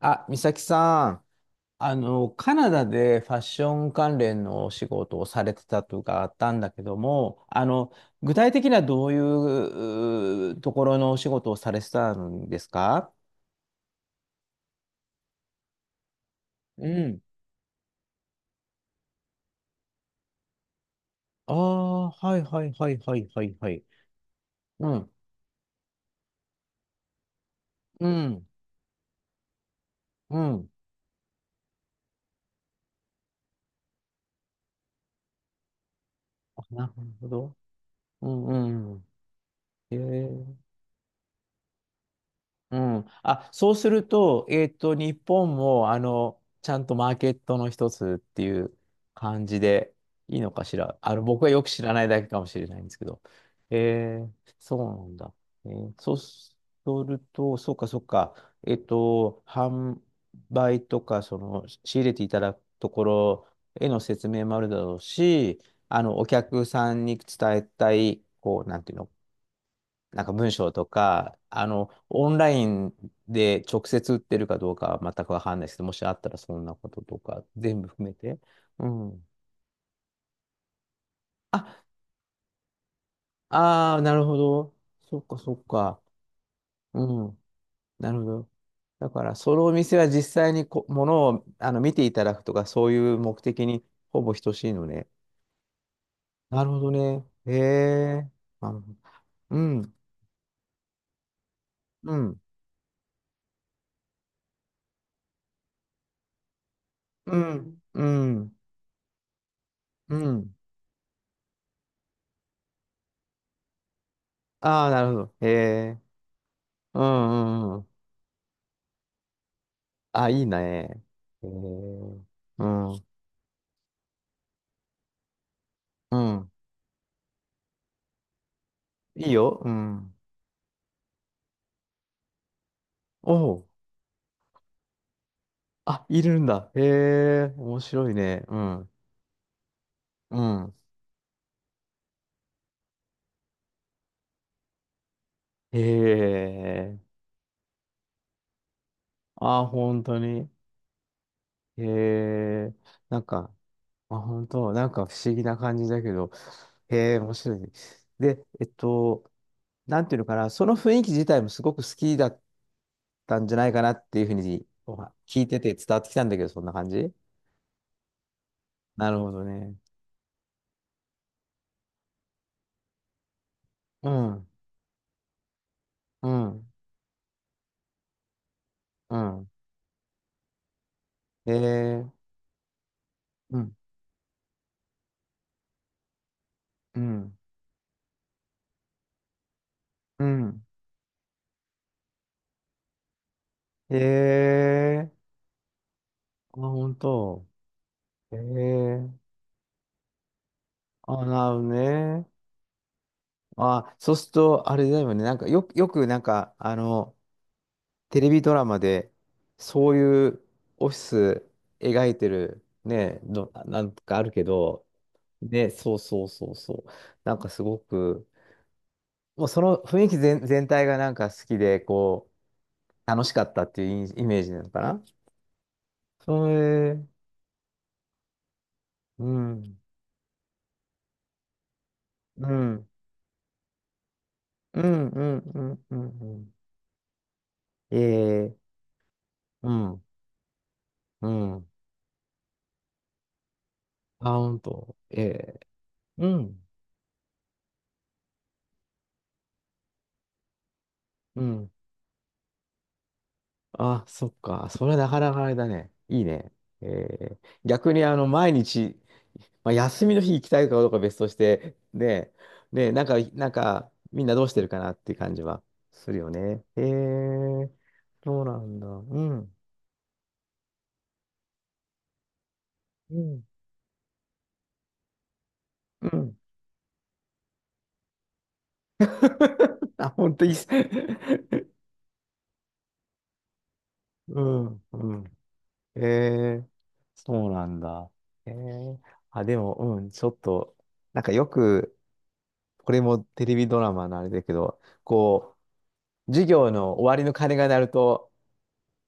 あ、美咲さん、カナダでファッション関連のお仕事をされてたとかあったんだけども、具体的にはどういうところのお仕事をされてたんですか？うん。ああ、はいはいはいはいはいはい。うん、うん、うん。あ、なるほど。うんうん。へえ。うん。あ、そうすると、日本も、ちゃんとマーケットの一つっていう感じでいいのかしら。あの、僕はよく知らないだけかもしれないんですけど。えー、そうなんだ。えーそうすると、そうか、そうか。えっと、販売とか、その、仕入れていただくところへの説明もあるだろうし、あの、お客さんに伝えたい、こう、なんていうの？なんか文章とか、あの、オンラインで直接売ってるかどうかは全くわかんないですけど、もしあったらそんなこととか、全部含めて。うん。あ、ああ、なるほど。そっかそっか。うん。なるほど。だから、そのお店は実際にものを、あの、見ていただくとか、そういう目的にほぼ等しいのね。なるほどね。へえ。なるほど。うん。うん。うん。うん。うん。ああ、なるほど。へえ。うんうんうん。あ、いいね。えー、うん。うん。いいよ。うん。おお。あ、いるんだ。へえ、面白いね。うん。うん。へえ。あ、本当に。へえ。なんか、あ、本当、なんか不思議な感じだけど。へえ、面白いね。で、なんていうのかな、その雰囲気自体もすごく好きだったんじゃないかなっていうふうにお聞いてて伝わってきたんだけど、そんな感じ？なるほどね。うん。うん。うん。ええ。うん、うん、うん。ええ。あ、本当。ええ。あ、なるほどね。あ、そうすると、あれだよね。なんか、よく、なんか、テレビドラマで、そういうオフィス描いてる、ね、なんかあるけど、ね、そうそうそうそう。なんかすごく、もうその雰囲気全体がなんか好きで、こう、楽しかったっていうイイメージなのかな？それ。うん、うん、うん、うん、うん、うん。うん。ええ、うん、うん。あ、ほんと。ええ、うん、うん。あ、そっか。それなかなかあれだね。いいね。ええ、逆にあの、毎日、まあ、休みの日行きたいかどうかは別として、ねえ、ねえ、なんか、なんか、みんなどうしてるかなっていう感じはするよね。ええ、そうなんだ。うん、うん、うん。あ、ほんといいっす。うん、うん。ええ。そうなんだ。ええ。あ、でも、うん、ちょっと、なんかよく、これもテレビドラマのあれだけど、こう、授業の終わりの鐘が鳴ると、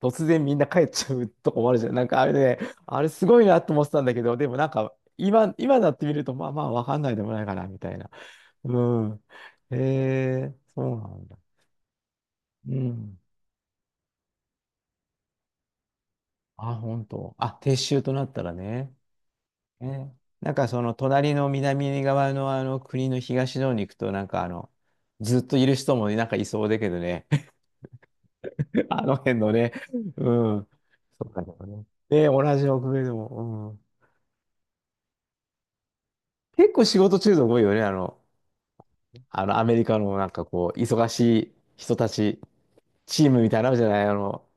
突然みんな帰っちゃうとこもあるじゃん。なんかあれね、あれすごいなと思ってたんだけど、でもなんか、今なってみると、まあまあ、わかんないでもないかな、みたいな。うん。ええ。そうなんだ。うん。あ、本当。あ、撤収となったらね。ね、なんかその隣の南側のあの国の東の方に行くとなんかあのずっといる人もなんかいそうだけどね。 あの辺のね。うん。そうか、でもね、で同じ北米でも、うん、結構仕事中毒多いよね、あのあのアメリカのなんかこう忙しい人たちチームみたいなのあるじゃない、あの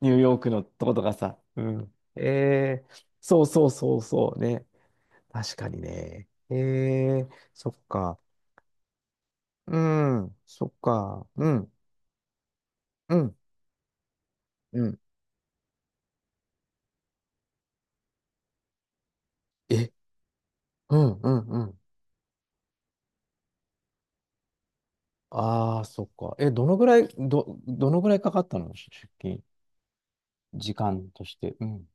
ニューヨークのとことかさ、うん、そうそうそうそうね。確かにね。えー、そっか。うん、そっか。うん、うん、うん。え、うん、うん、うん。ああ、そっか。え、どのぐらい、どのぐらいかかったのし出勤、時間として。うん。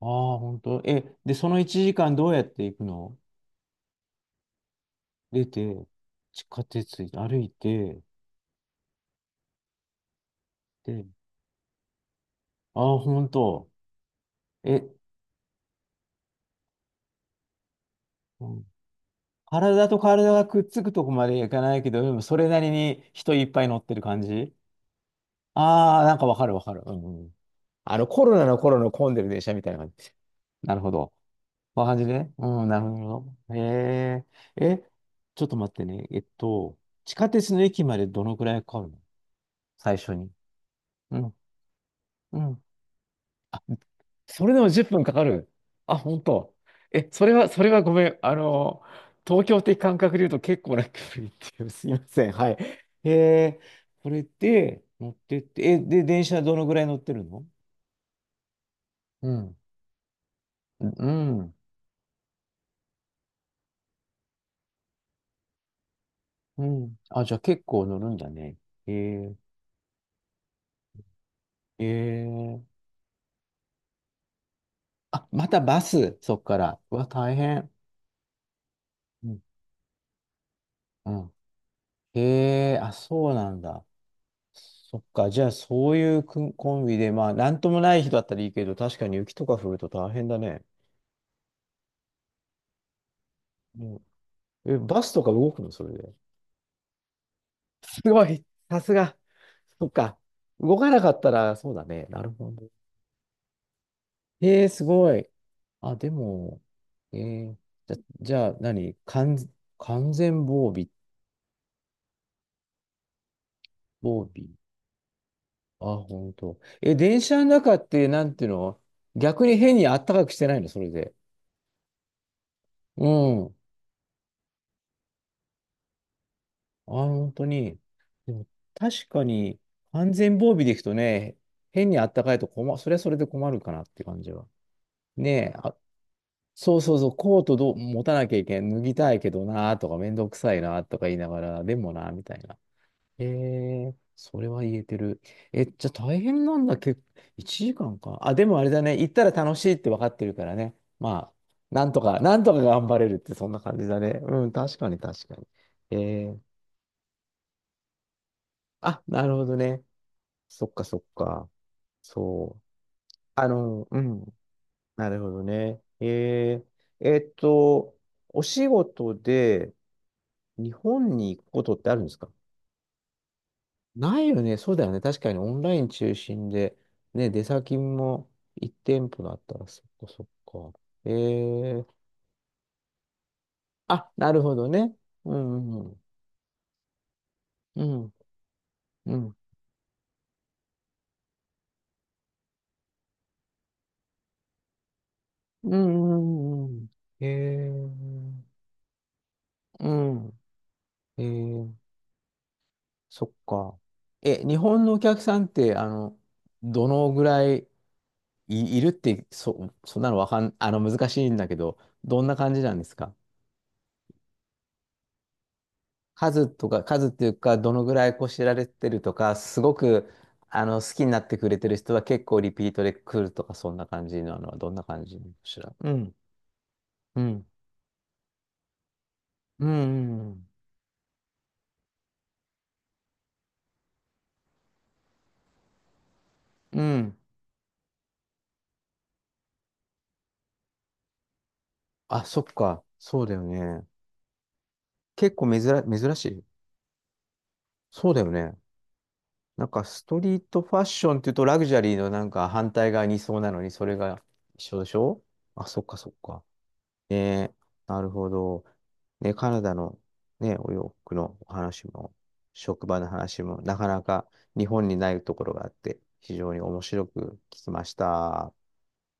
ああ、本当。え、で、その1時間どうやって行くの？出て、地下鉄歩いて、で、ああ、本当。え、うん、体と体がくっつくとこまで行かないけど、でもそれなりに人いっぱい乗ってる感じ。ああなんかわかるわかる。うん、うん。あの、コロナの頃の混んでる電車みたいな。なるほど。こんな感じね。うん、なるほど。へえ。え、ちょっと待ってね。えっと、地下鉄の駅までどのくらいかかるの？最初に。うん、うん。あ、それでも10分かかる。あ、本当。え、それは、それはごめん。あの、東京的感覚で言うと結構な距離っていう。すいません。はい。へえ。これで乗ってって、え、で、電車どのくらい乗ってるの？うん。うん。うん。あ、じゃあ結構乗るんだね。へえー。へえー。あ、またバス、そっから。うわ、大変。うん。うん。へえ、あ、そうなんだ。そっか、じゃあ、そういうくんコンビで、まあ、なんともない日だったらいいけど、確かに雪とか降ると大変だね。うん。え、バスとか動くのそれで。すごい、さすが。そっか、動かなかったら、そうだね。なるほど。へえ、すごい。あ、でも、えー、じゃ、じゃあ何、完全防備、防備。あ、本当。え、電車の中って、なんていうの？逆に変にあったかくしてないのそれで。うん。あ、本当に。でも、確かに、完全防備でいくとね、変にあったかいと困、それはそれで困るかなって感じは。ねえ、あ、そうそうそう、コートどう持たなきゃいけん、脱ぎたいけどな、とか、めんどくさいな、とか言いながら、でもな、みたいな。ええ。それは言えてる。え、じゃあ大変なんだけど、1時間かんか。あ、でもあれだね。行ったら楽しいって分かってるからね。まあ、なんとか、なんとか頑張れるってそんな感じだね。うん、確かに確かに。ええ。あ、なるほどね。そっかそっか。そう。あの、うん。なるほどね。ええ。えっと、お仕事で日本に行くことってあるんですか？ないよね。そうだよね。確かにオンライン中心で、ね、出先も1店舗だったら、そっかそっか。えー、あ、なるほどね。うんうんうん。うん。うんうんうんうん。えー、うん。えー、そっか。え、日本のお客さんって、あの、どのぐらいいるって、そんなのわかん、あの、難しいんだけど、どんな感じなんですか？数とか、数っていうか、どのぐらいこう知られてるとか、すごく、あの、好きになってくれてる人は結構リピートで来るとか、そんな感じなのは、どんな感じなのかしら。うん、うん、うん、うん。うん。あ、そっか。そうだよね。結構珍、珍しい。そうだよね。なんか、ストリートファッションっていうと、ラグジュアリーのなんか反対側にいそうなのに、それが一緒でしょ？あ、そっか、そっか。ね、なるほど。ね、カナダのね、お洋服のお話も、職場の話も、なかなか日本にないところがあって、非常に面白く聞きました。